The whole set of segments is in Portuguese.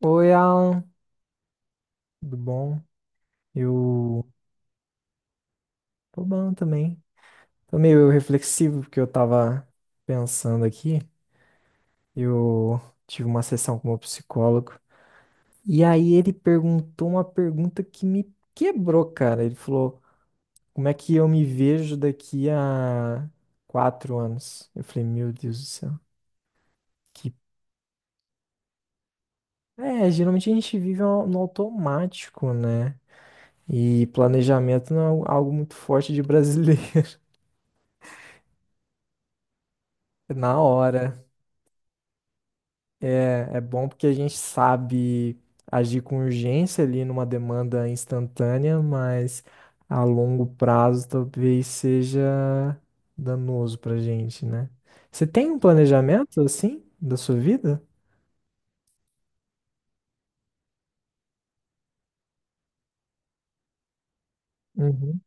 Oi, Alan, tudo bom? Eu tô bom também. Tô meio reflexivo porque eu tava pensando aqui. Eu tive uma sessão com o meu psicólogo e aí ele perguntou uma pergunta que me quebrou, cara. Ele falou: como é que eu me vejo daqui a 4 anos? Eu falei: meu Deus do céu. Que... É, geralmente a gente vive no automático, né? E planejamento não é algo muito forte de brasileiro na hora. É, é bom porque a gente sabe agir com urgência ali numa demanda instantânea, mas a longo prazo talvez seja danoso pra gente, né? Você tem um planejamento assim da sua vida? Uhum.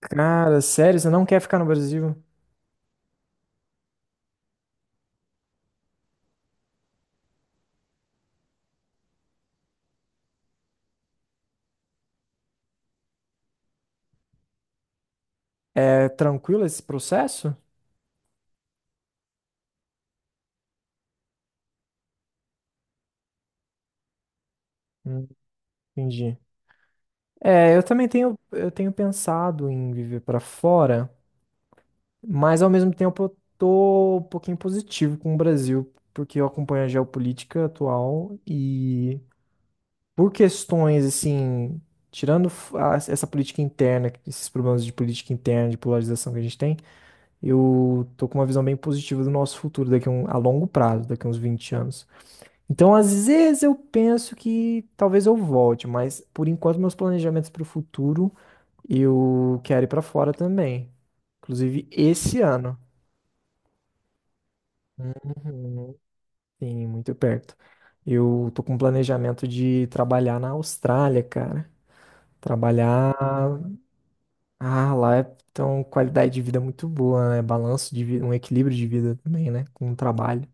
Cara, sério, você não quer ficar no Brasil? É tranquilo esse processo? Hum, Entendi. É, eu também tenho, eu tenho pensado em viver pra fora. Mas ao mesmo tempo eu tô um pouquinho positivo com o Brasil, porque eu acompanho a geopolítica atual e por questões assim, essa política interna, esses problemas de política interna, de polarização que a gente tem, eu tô com uma visão bem positiva do nosso futuro daqui a, um, a longo prazo, daqui a uns 20 anos. Então, às vezes eu penso que talvez eu volte, mas por enquanto meus planejamentos para o futuro, eu quero ir para fora também, inclusive esse ano. Sim, muito perto. Eu tô com um planejamento de trabalhar na Austrália, cara. Trabalhar. Ah, lá é então qualidade de vida muito boa, né? Balanço de vida, um equilíbrio de vida também, né? Com o trabalho.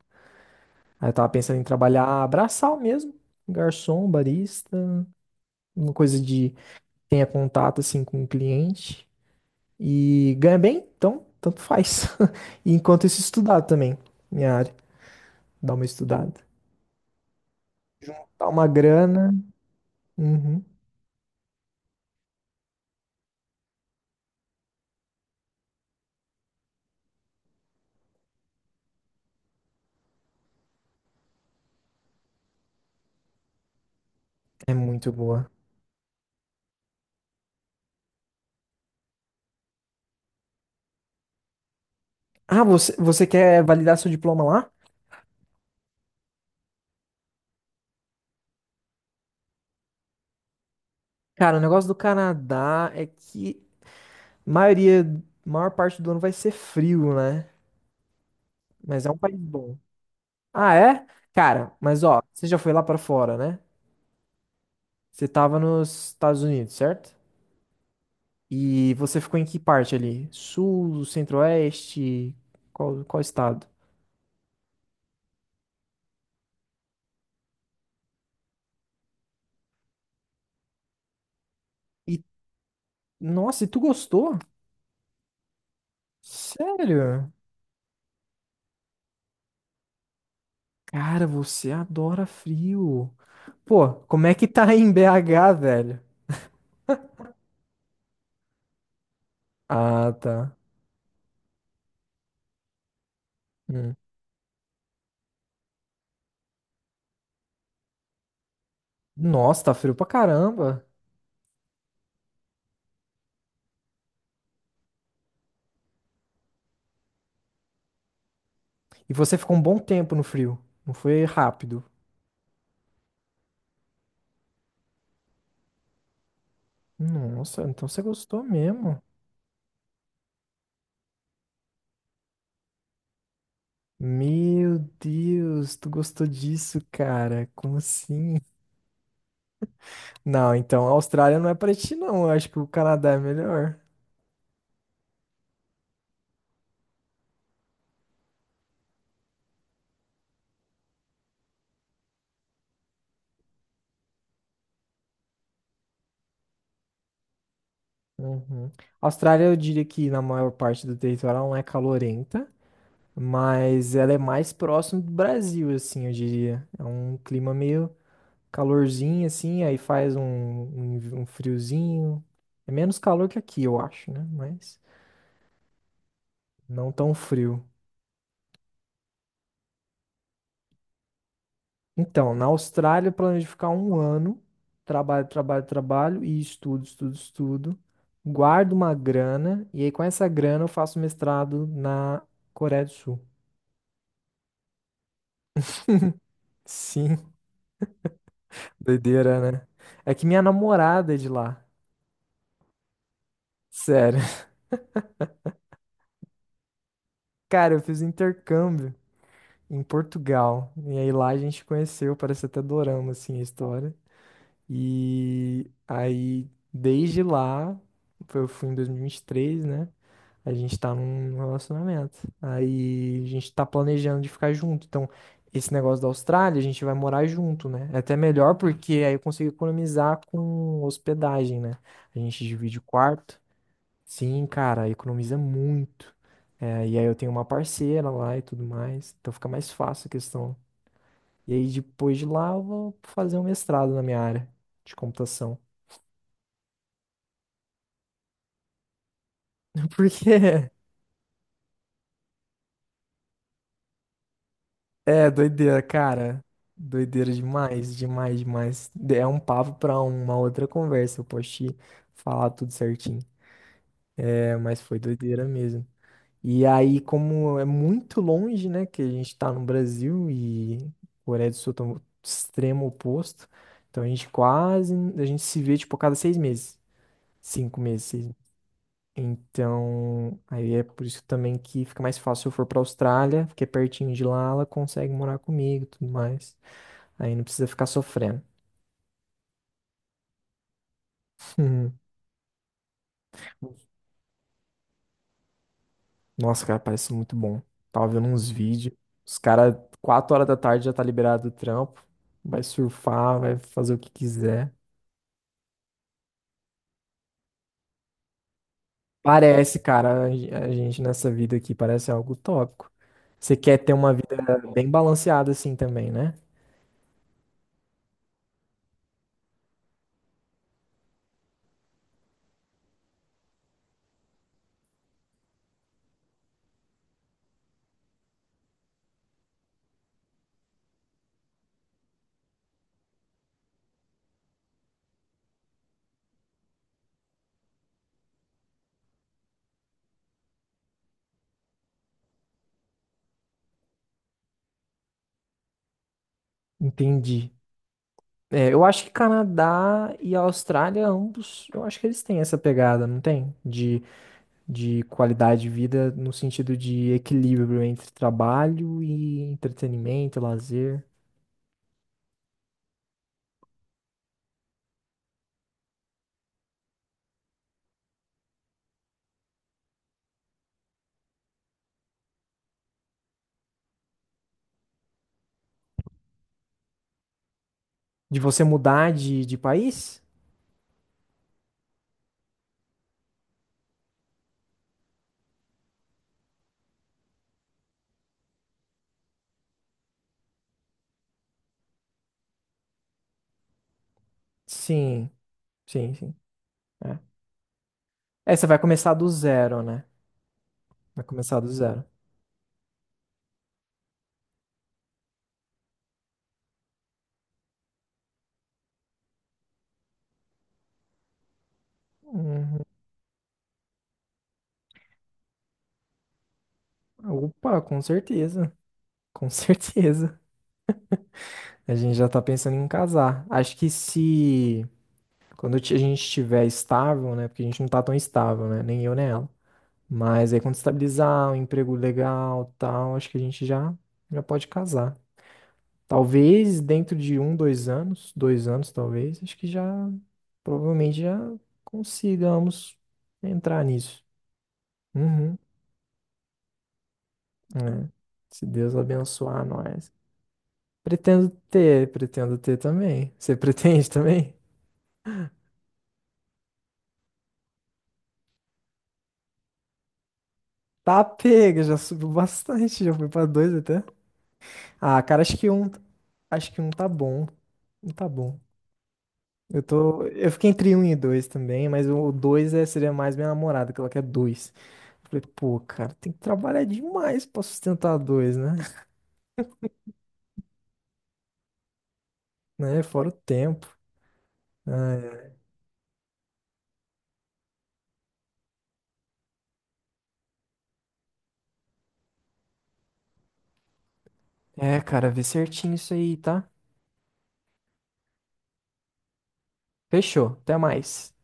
Aí eu tava pensando em trabalhar braçal mesmo, garçom, barista, uma coisa de tenha contato assim com o cliente e ganha bem, então tanto faz. E enquanto isso estudar também, minha área, dar uma estudada, dar uma grana, uhum, é muito boa. Ah, você, você quer validar seu diploma lá? Cara, o negócio do Canadá é que maioria, maior parte do ano vai ser frio, né? Mas é um país bom. Ah, é? Cara, mas ó, você já foi lá pra fora, né? Você tava nos Estados Unidos, certo? E você ficou em que parte ali? Sul, centro-oeste? Qual, qual estado? E, nossa, e tu gostou? Sério? Cara, você adora frio. Pô, como é que tá aí em BH, velho? Ah, tá. Hum. Nossa, tá frio pra caramba. E você ficou um bom tempo no frio. Não foi rápido. Nossa, então você gostou mesmo. Meu Deus, tu gostou disso, cara? Como assim? Não, então a Austrália não é pra ti, não. Eu acho que o Canadá é melhor. Uhum. A Austrália, eu diria que na maior parte do território ela não é calorenta, mas ela é mais próximo do Brasil, assim, eu diria. É um clima meio calorzinho assim, aí faz um friozinho. É menos calor que aqui, eu acho, né? Mas não tão frio. Então, na Austrália eu planejo ficar um ano, trabalho, trabalho, trabalho e estudo, estudo, estudo. Guardo uma grana e aí com essa grana eu faço mestrado na Coreia do Sul. Sim, doideira, né? É que minha namorada é de lá. Sério. Cara, eu fiz intercâmbio em Portugal. E aí lá a gente conheceu, parece até dorama, assim, a história. E aí, desde lá, eu fui em 2023, né? A gente tá num relacionamento. Aí a gente tá planejando de ficar junto. Então, esse negócio da Austrália, a gente vai morar junto, né? É até melhor porque aí eu consigo economizar com hospedagem, né? A gente divide o quarto. Sim, cara, economiza muito. É, e aí eu tenho uma parceira lá e tudo mais, então fica mais fácil a questão. E aí depois de lá eu vou fazer um mestrado na minha área de computação. Porque é doideira, cara. Doideira demais, demais, demais. É um papo pra uma outra conversa, eu posso te falar tudo certinho. É, mas foi doideira mesmo. E aí, como é muito longe, né, que a gente está no Brasil e Coreia do Sul tá no extremo oposto, então a gente quase, a gente se vê, tipo, a cada 6 meses, 5 meses, seis. Então, aí é por isso também que fica mais fácil se eu for pra Austrália, porque é pertinho de lá, ela consegue morar comigo e tudo mais. Aí não precisa ficar sofrendo. Uhum. Nossa, cara, parece muito bom. Tava vendo uns vídeos, os caras, 4 horas da tarde já tá liberado do trampo, vai surfar, vai fazer o que quiser. Parece, cara, a gente nessa vida aqui parece algo utópico. Você quer ter uma vida bem balanceada assim também, né? Entendi. É, eu acho que Canadá e Austrália, ambos, eu acho que eles têm essa pegada, não tem? De qualidade de vida no sentido de equilíbrio entre trabalho e entretenimento, lazer. De você mudar de país? Sim, sim, sim. É. É, você vai começar do zero, né? Vai começar do zero. Hum, Opa, com certeza. Com certeza. A gente já tá pensando em casar. Acho que se a gente estiver estável, né? Porque a gente não tá tão estável, né? Nem eu, nem ela. Mas aí quando estabilizar um emprego legal, tal, acho que a gente já pode casar. Talvez dentro de um, 2 anos, 2 anos talvez, acho que já provavelmente já consigamos entrar nisso. Uhum, é. Se Deus abençoar nós. Pretendo ter também. Você pretende também? Tá pega, já subiu bastante, já foi pra dois até. Ah, cara, acho que um tá bom, um tá bom. Eu tô, eu fiquei entre um e dois também, mas o dois é, seria mais minha namorada, que ela quer dois. Eu falei, pô, cara, tem que trabalhar demais pra sustentar dois, né? Né? Fora o tempo. Né? É, cara, vê certinho isso aí, tá? Fechou, até mais.